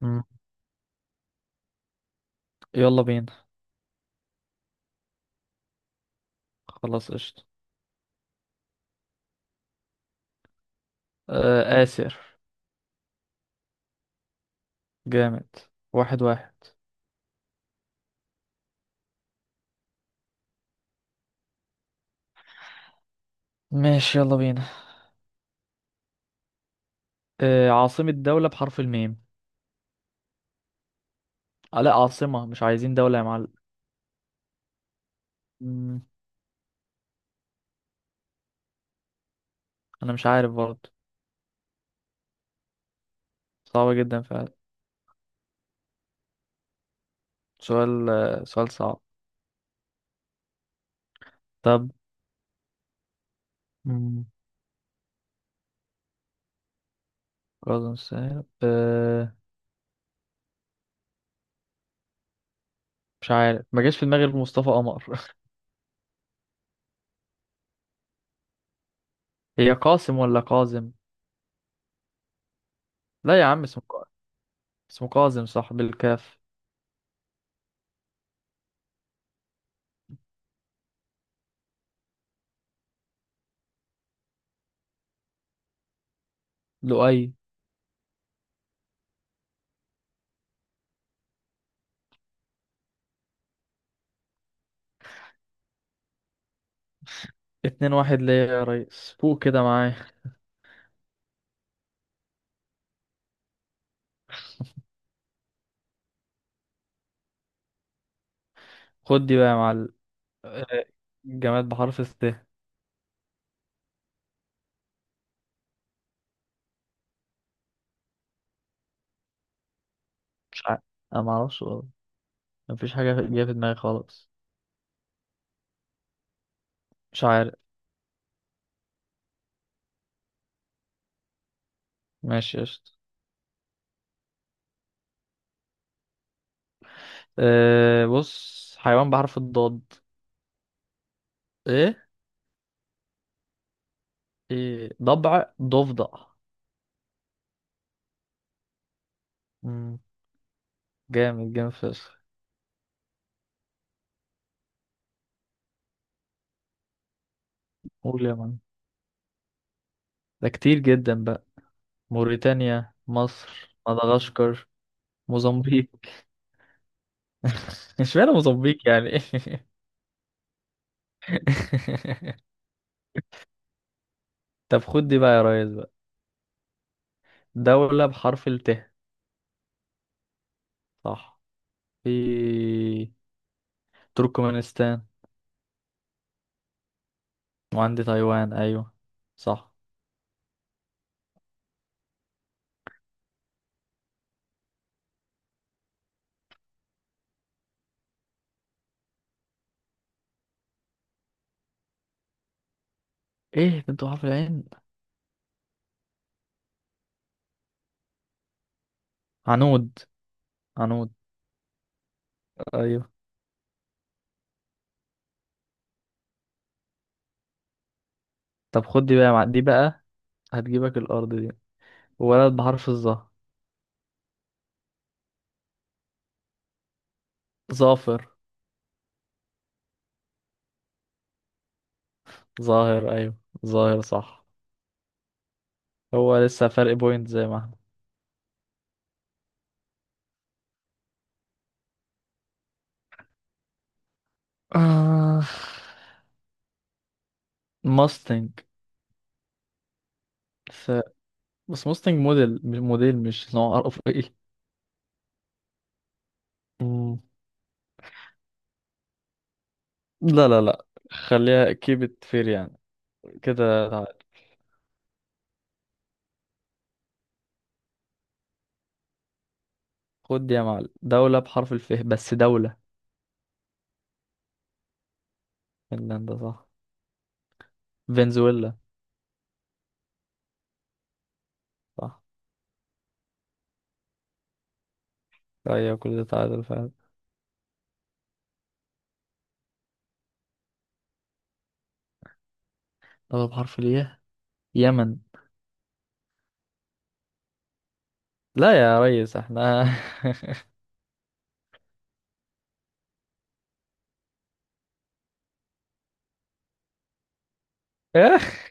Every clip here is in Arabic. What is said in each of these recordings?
مم. يلا بينا. خلاص، قشطة. آه، آسر. جامد. واحد واحد. ماشي، يلا بينا. عاصمة دولة بحرف الميم؟ آه، لا، عاصمة، مش عايزين دولة يا معلم. مم. أنا مش عارف برضه. صعبة جدا فعلا. سؤال، سؤال صعب. طب. مم. قاسم ساهر، آه. مش عارف، ما جاش في دماغي غير مصطفى قمر. هي قاسم ولا قازم؟ لا يا عم، اسمه قازم، صح، بالكاف. لؤي. اتنين واحد ليا يا ريس، فوق كده معايا. خد دي بقى يا معلم، جماد بحرف الث. مش عارف. انا ما اعرفش والله. مفيش حاجه جايه في دماغي خالص. مش عارف. ماشي، قشطة. بص، حيوان بحرف الضاد. ايه. ايه، ضبع، ضفدع. امم جامد، جامد فشخ. قول يا مان. ده كتير جدا بقى. موريتانيا، مصر، مدغشقر، موزمبيق. اشمعنى موزمبيق يعني؟ طب خد دي بقى يا ريس بقى، دولة بحرف الت. صح. في تركمانستان، وعندي تايوان، ايوه. صح. ايه بنت حرف العين؟ عنود. عنود، ايوه. طب خد دي بقى دي بقى هتجيبك الارض دي. ولد بحرف الظا. ظافر. ظاهر، ايوه. ظاهر صح. هو لسه فرق بوينت زي ما احنا. آه، ماستنج. ف... بس ماستنج موديل، مش موديل، مش نوع. عرف ايه. مم. لا، لا، لا. خليها كيبت فير يعني. كده تعال. خد دي يا معلم، دولة بحرف الف، بس دولة. فنلندا صح. فنزويلا. صح. ايوه، كل ده تعادل فعلا. طب بحرف الياء. يمن. لا يا ريس، احنا. اخ.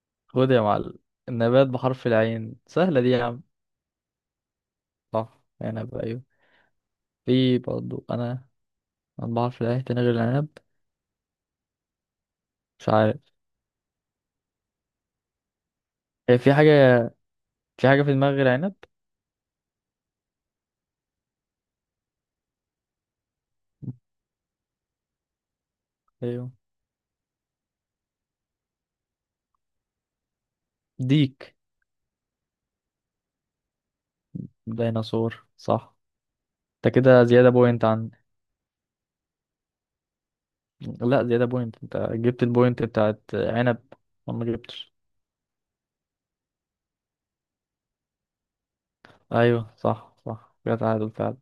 خد يا معلم، النبات بحرف العين سهلة دي يا عم. صح، عنب، ايوه. في برضو أنا بحرف العين تاني غير العنب؟ مش عارف. هي في حاجة في حاجة في دماغي غير عنب. ايوه، ديك، ديناصور، صح. انت كده زيادة بوينت عن. لا، زيادة بوينت، انت جبت البوينت بتاعت عنب، وانا ما جبتش. ايوه صح، صح، كده تعادل فعلا.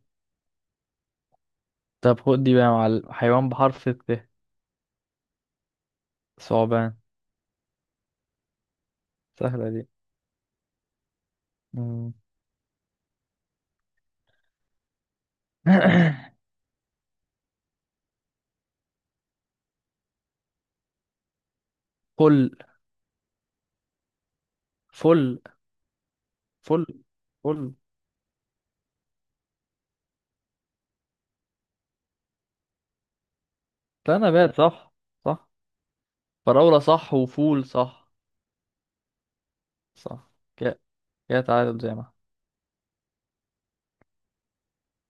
طب خد دي بقى يا معلم، حيوان بحرف الت. ثعبان. سهلة دي. مم. فل، فل، فل، فل. لا، نبات، صح. صح. فراولة صح، وفول صح. صح. كده كده تعادل زي ما.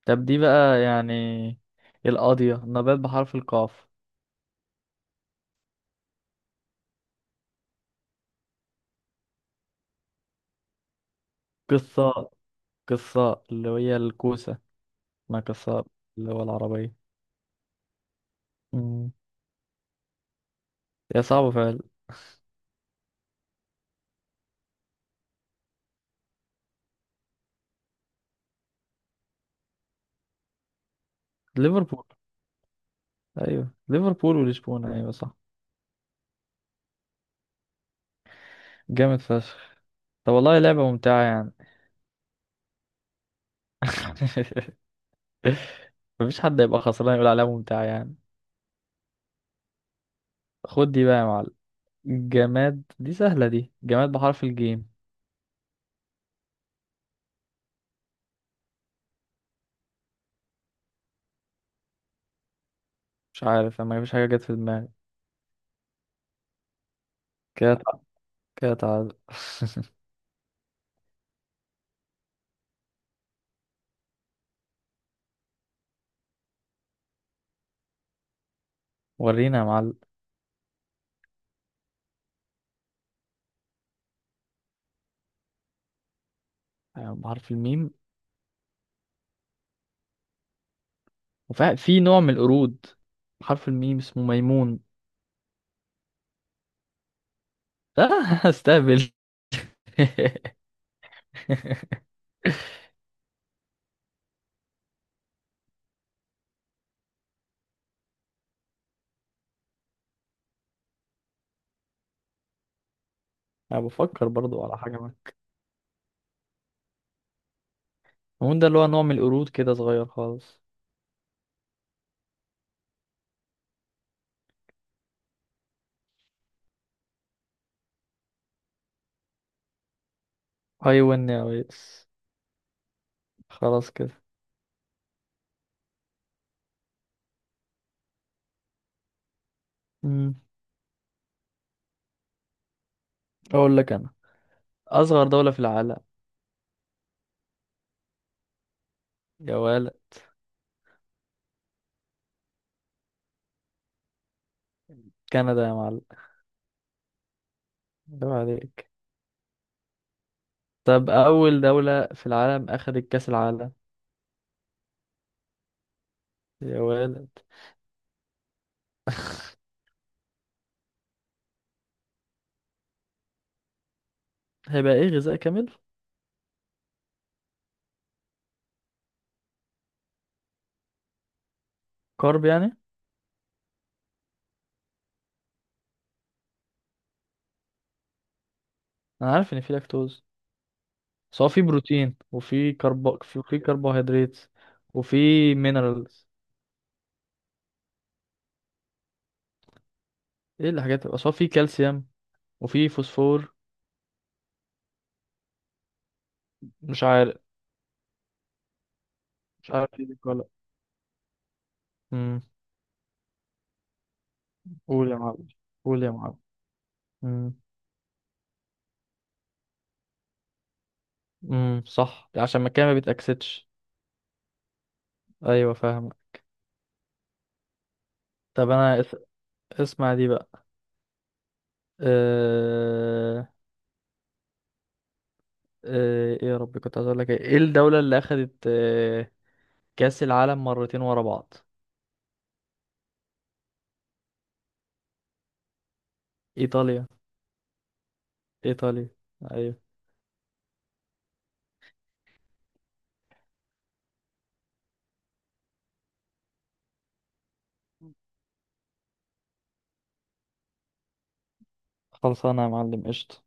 طب دي بقى يعني القاضية، نبات بحرف القاف. قصة. قصة اللي هي الكوسة. ما قصة اللي هو العربية. مم. يا صعب فعلا. ليفربول. أيوه، ليفربول ولشبونة، أيوه صح. جامد فشخ. طب والله لعبة ممتعة يعني. مفيش حد يبقى خسران يقول عليها ممتعة يعني. خد دي بقى يا معلم، جماد. دي سهلة دي، جماد بحرف الجيم. مش عارف. انا مفيش حاجة جت في دماغي. كده تع- كده تعال. ورينا يا معلم. حيوان بحرف الميم. وفي نوع من القرود بحرف الميم اسمه ميمون. لا. استهبل. انا بفكر برضو على حاجة ما. الميمون ده اللي هو نوع من القرود كده صغير خالص. ايوه، نايس. خلاص كده. مم. اقول لك انا، اصغر دولة في العالم. يا ولد. كندا يا معلم. عيب عليك. طب اول دولة في العالم اخدت كأس العالم. يا ولد. هيبقى ايه غذاء كامل؟ كارب يعني. انا عارف ان في لاكتوز. بس هو في بروتين، وفي كرب، في كربوهيدرات. وفي مينرالز. ايه الحاجات؟ بس هو في كالسيوم، وفي فوسفور. مش عارف. مش عارف ايه دي ولا. امم. قول يا معلم. قول يا معلم. امم. امم، صح، عشان المكان ما بيتأكسدش. ايوه، فاهم. طب اسمع دي بقى. أه... ايه يا ربي، كنت عايز اقول لك ايه. إيه الدولة اللي اخدت كأس العالم مرتين ورا بعض؟ ايطاليا. ايطاليا. ايوه. خلصانه يا معلم، قشطة.